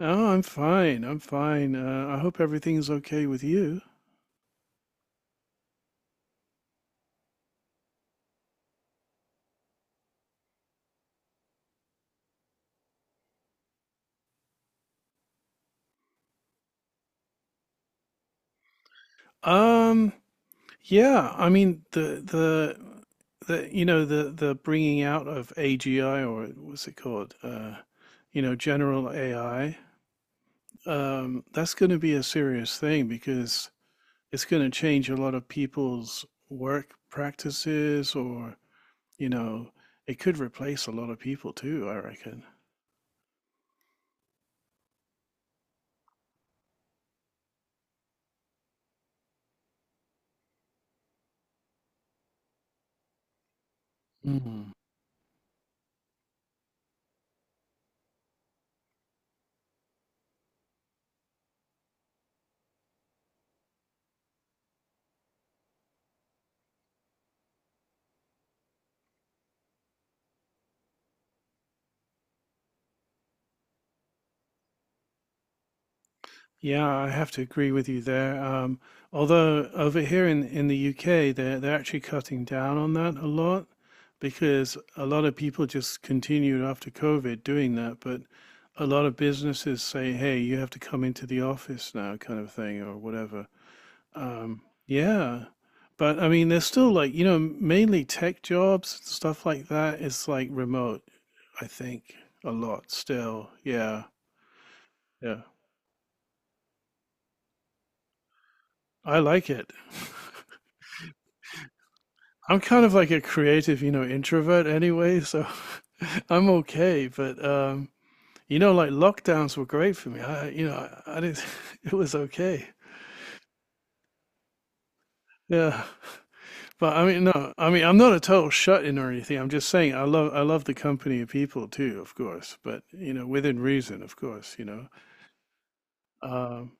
Oh, I'm fine. I'm fine. I hope everything's okay with you. Um, yeah, I mean the the bringing out of AGI or what's it called? You know, general AI. That's going to be a serious thing because it's going to change a lot of people's work practices, or you know, it could replace a lot of people too, I reckon. Yeah, I have to agree with you there. Although over here in the UK, they're actually cutting down on that a lot because a lot of people just continued after COVID doing that. But a lot of businesses say, "Hey, you have to come into the office now," kind of thing, or whatever. Yeah, but I mean, there's still like you know mainly tech jobs stuff like that. It's like remote, I think, a lot still. Yeah, yeah, I like it. I'm kind of like a creative, you know, introvert anyway, so I'm okay. But you know, like lockdowns were great for me. I, you know, I didn't. It was okay. Yeah, but I mean, no, I mean, I'm not a total shut-in or anything. I'm just saying I love the company of people too, of course, but you know, within reason, of course, you know. Um,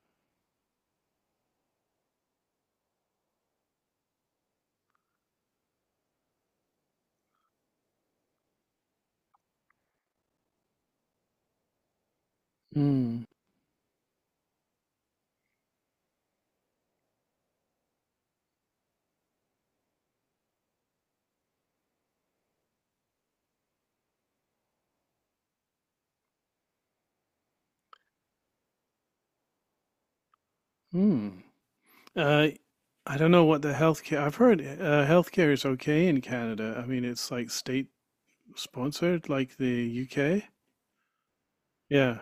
mm, mm. Uh, I don't know what the healthcare. I've heard healthcare is okay in Canada. I mean, it's like state sponsored, like the UK. Yeah,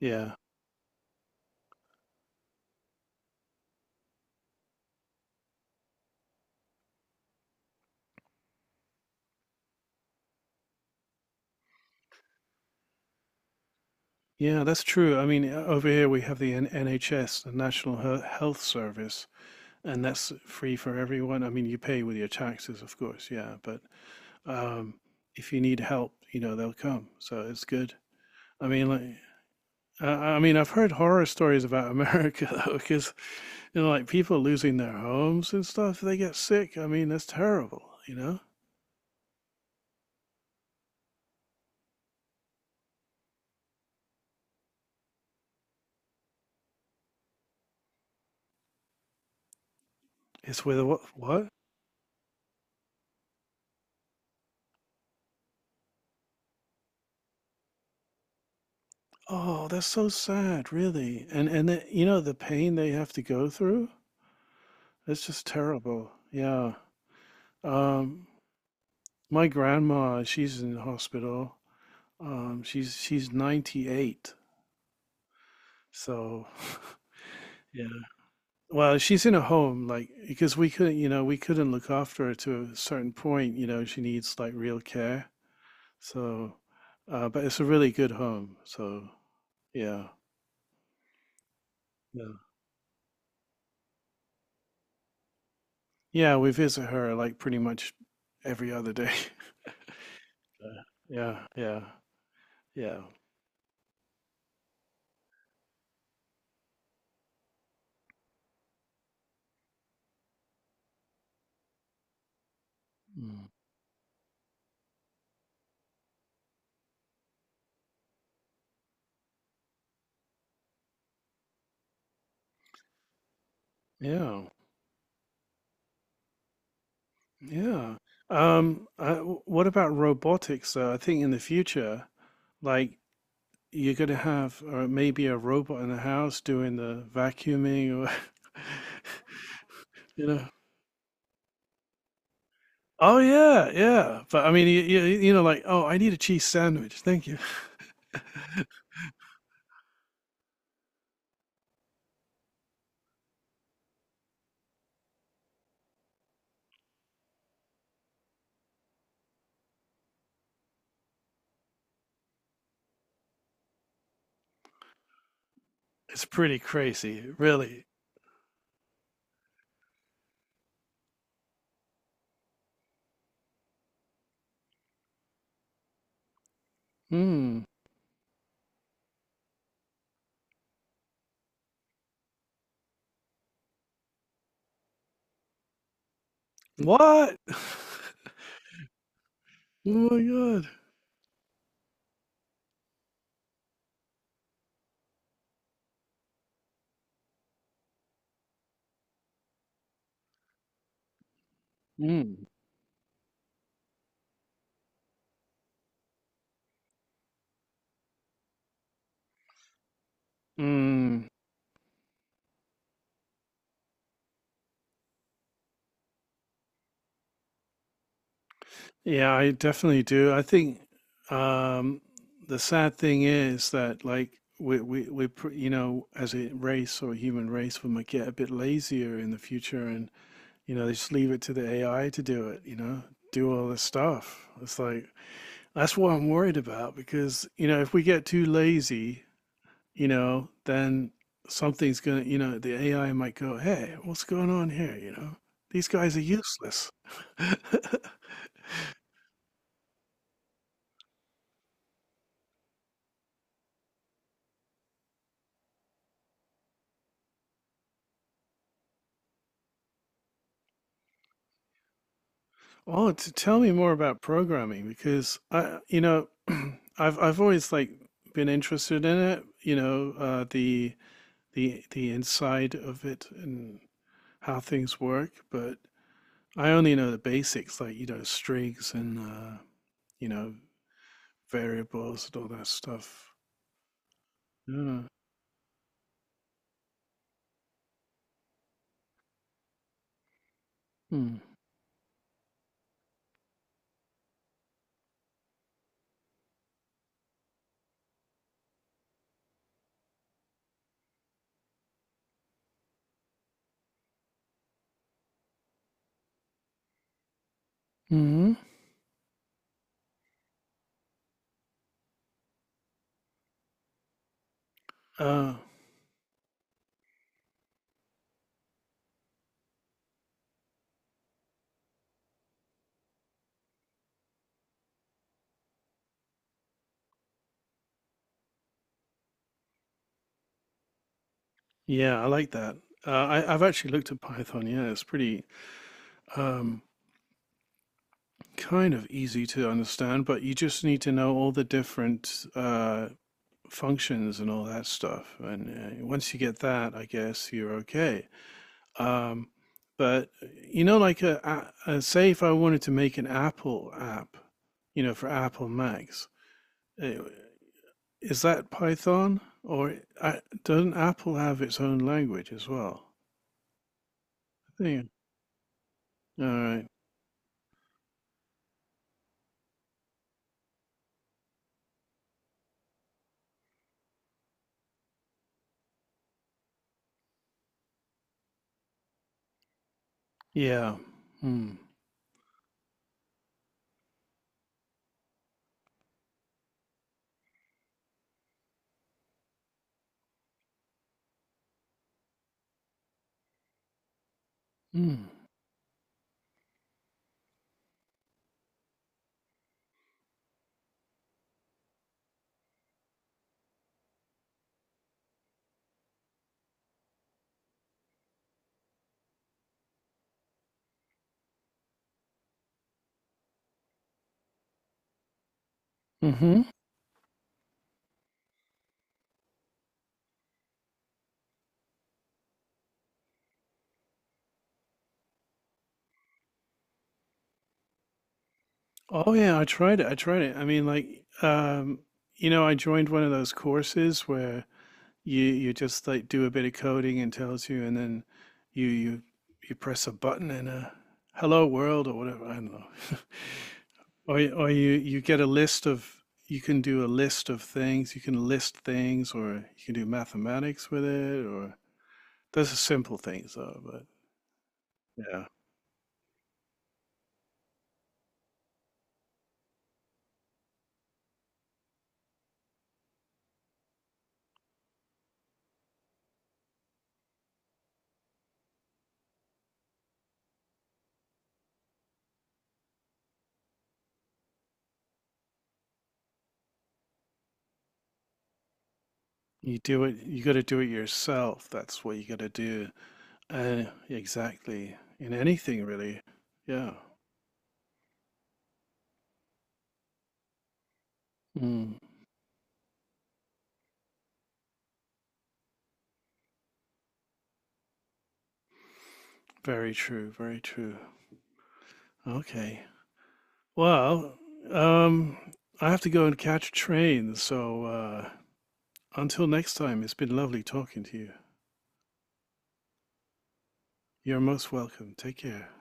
yeah, yeah, that's true. I mean, over here we have the N NHS, the Health Service, and that's free for everyone. I mean, you pay with your taxes, of course, yeah, but um, if you need help, you know, they'll come. So it's good. I mean, like, I mean, I've heard horror stories about America though, because you know, like people losing their homes and stuff, they get sick. I mean, that's terrible, you know? It's with what? Oh, that's so sad, really. And you know the pain they have to go through? It's just terrible. Yeah. Um, my grandma, she's in the hospital. She's 98. So, yeah. Well, she's in a home, like because we couldn't, you know, we couldn't look after her to a certain point. You know, she needs like real care. So, but it's a really good home. So, yeah, yeah, yeah. We visit her like pretty much every other day. Yeah, yeah, yeah. Mm. Yeah. Yeah. What about robotics, though? I think in the future, like you're going to have maybe a robot in the house doing the vacuuming, or you know. Oh, yeah, yeah. But I mean, you know, like, oh, I need a cheese sandwich. Thank you. It's pretty crazy, really. Hmm. What? Oh my god. Mm. Mm, yeah, I definitely do. I think um, the sad thing is that like you know as a race or human race we might get a bit lazier in the future and you know they just leave it to the AI to do it, you know, do all this stuff. It's like that's what I'm worried about because you know if we get too lazy you know, then something's gonna, you know, the AI might go, "Hey, what's going on here?" You know, these guys are useless. Well, to tell me more about programming because I, you know, I've always like been interested in it. You know, the the inside of it and how things work, but I only know the basics, like you know, strings and you know, variables and all that stuff. Yeah. Mm. Uh, yeah, I like that. I've actually looked at Python. Yeah, it's pretty um, kind of easy to understand, but you just need to know all the different functions and all that stuff. And once you get that, I guess you're okay. Um, but you know, like a, say, if I wanted to make an Apple app, you know, for Apple Macs, eh, is that Python or I, doesn't Apple have its own language as well? I think. All right. Yeah. Mm. Mm. Hmm. Mm-hmm. Oh yeah, I tried it. I tried it. I mean, like, you know, I joined one of those courses where you just like do a bit of coding and tells you, and then you you press a button and a hello world or whatever. I don't know. Or or you get a list of you can do a list of things. You can list things, or you can do mathematics with it, or those are simple things though. But yeah. You do it, you got to do it yourself. That's what you got to do. Exactly. In anything, really. Yeah. Mm, very true. Very true. Okay. Well, um, I have to go and catch a train. So, until next time, it's been lovely talking to you. You're most welcome. Take care.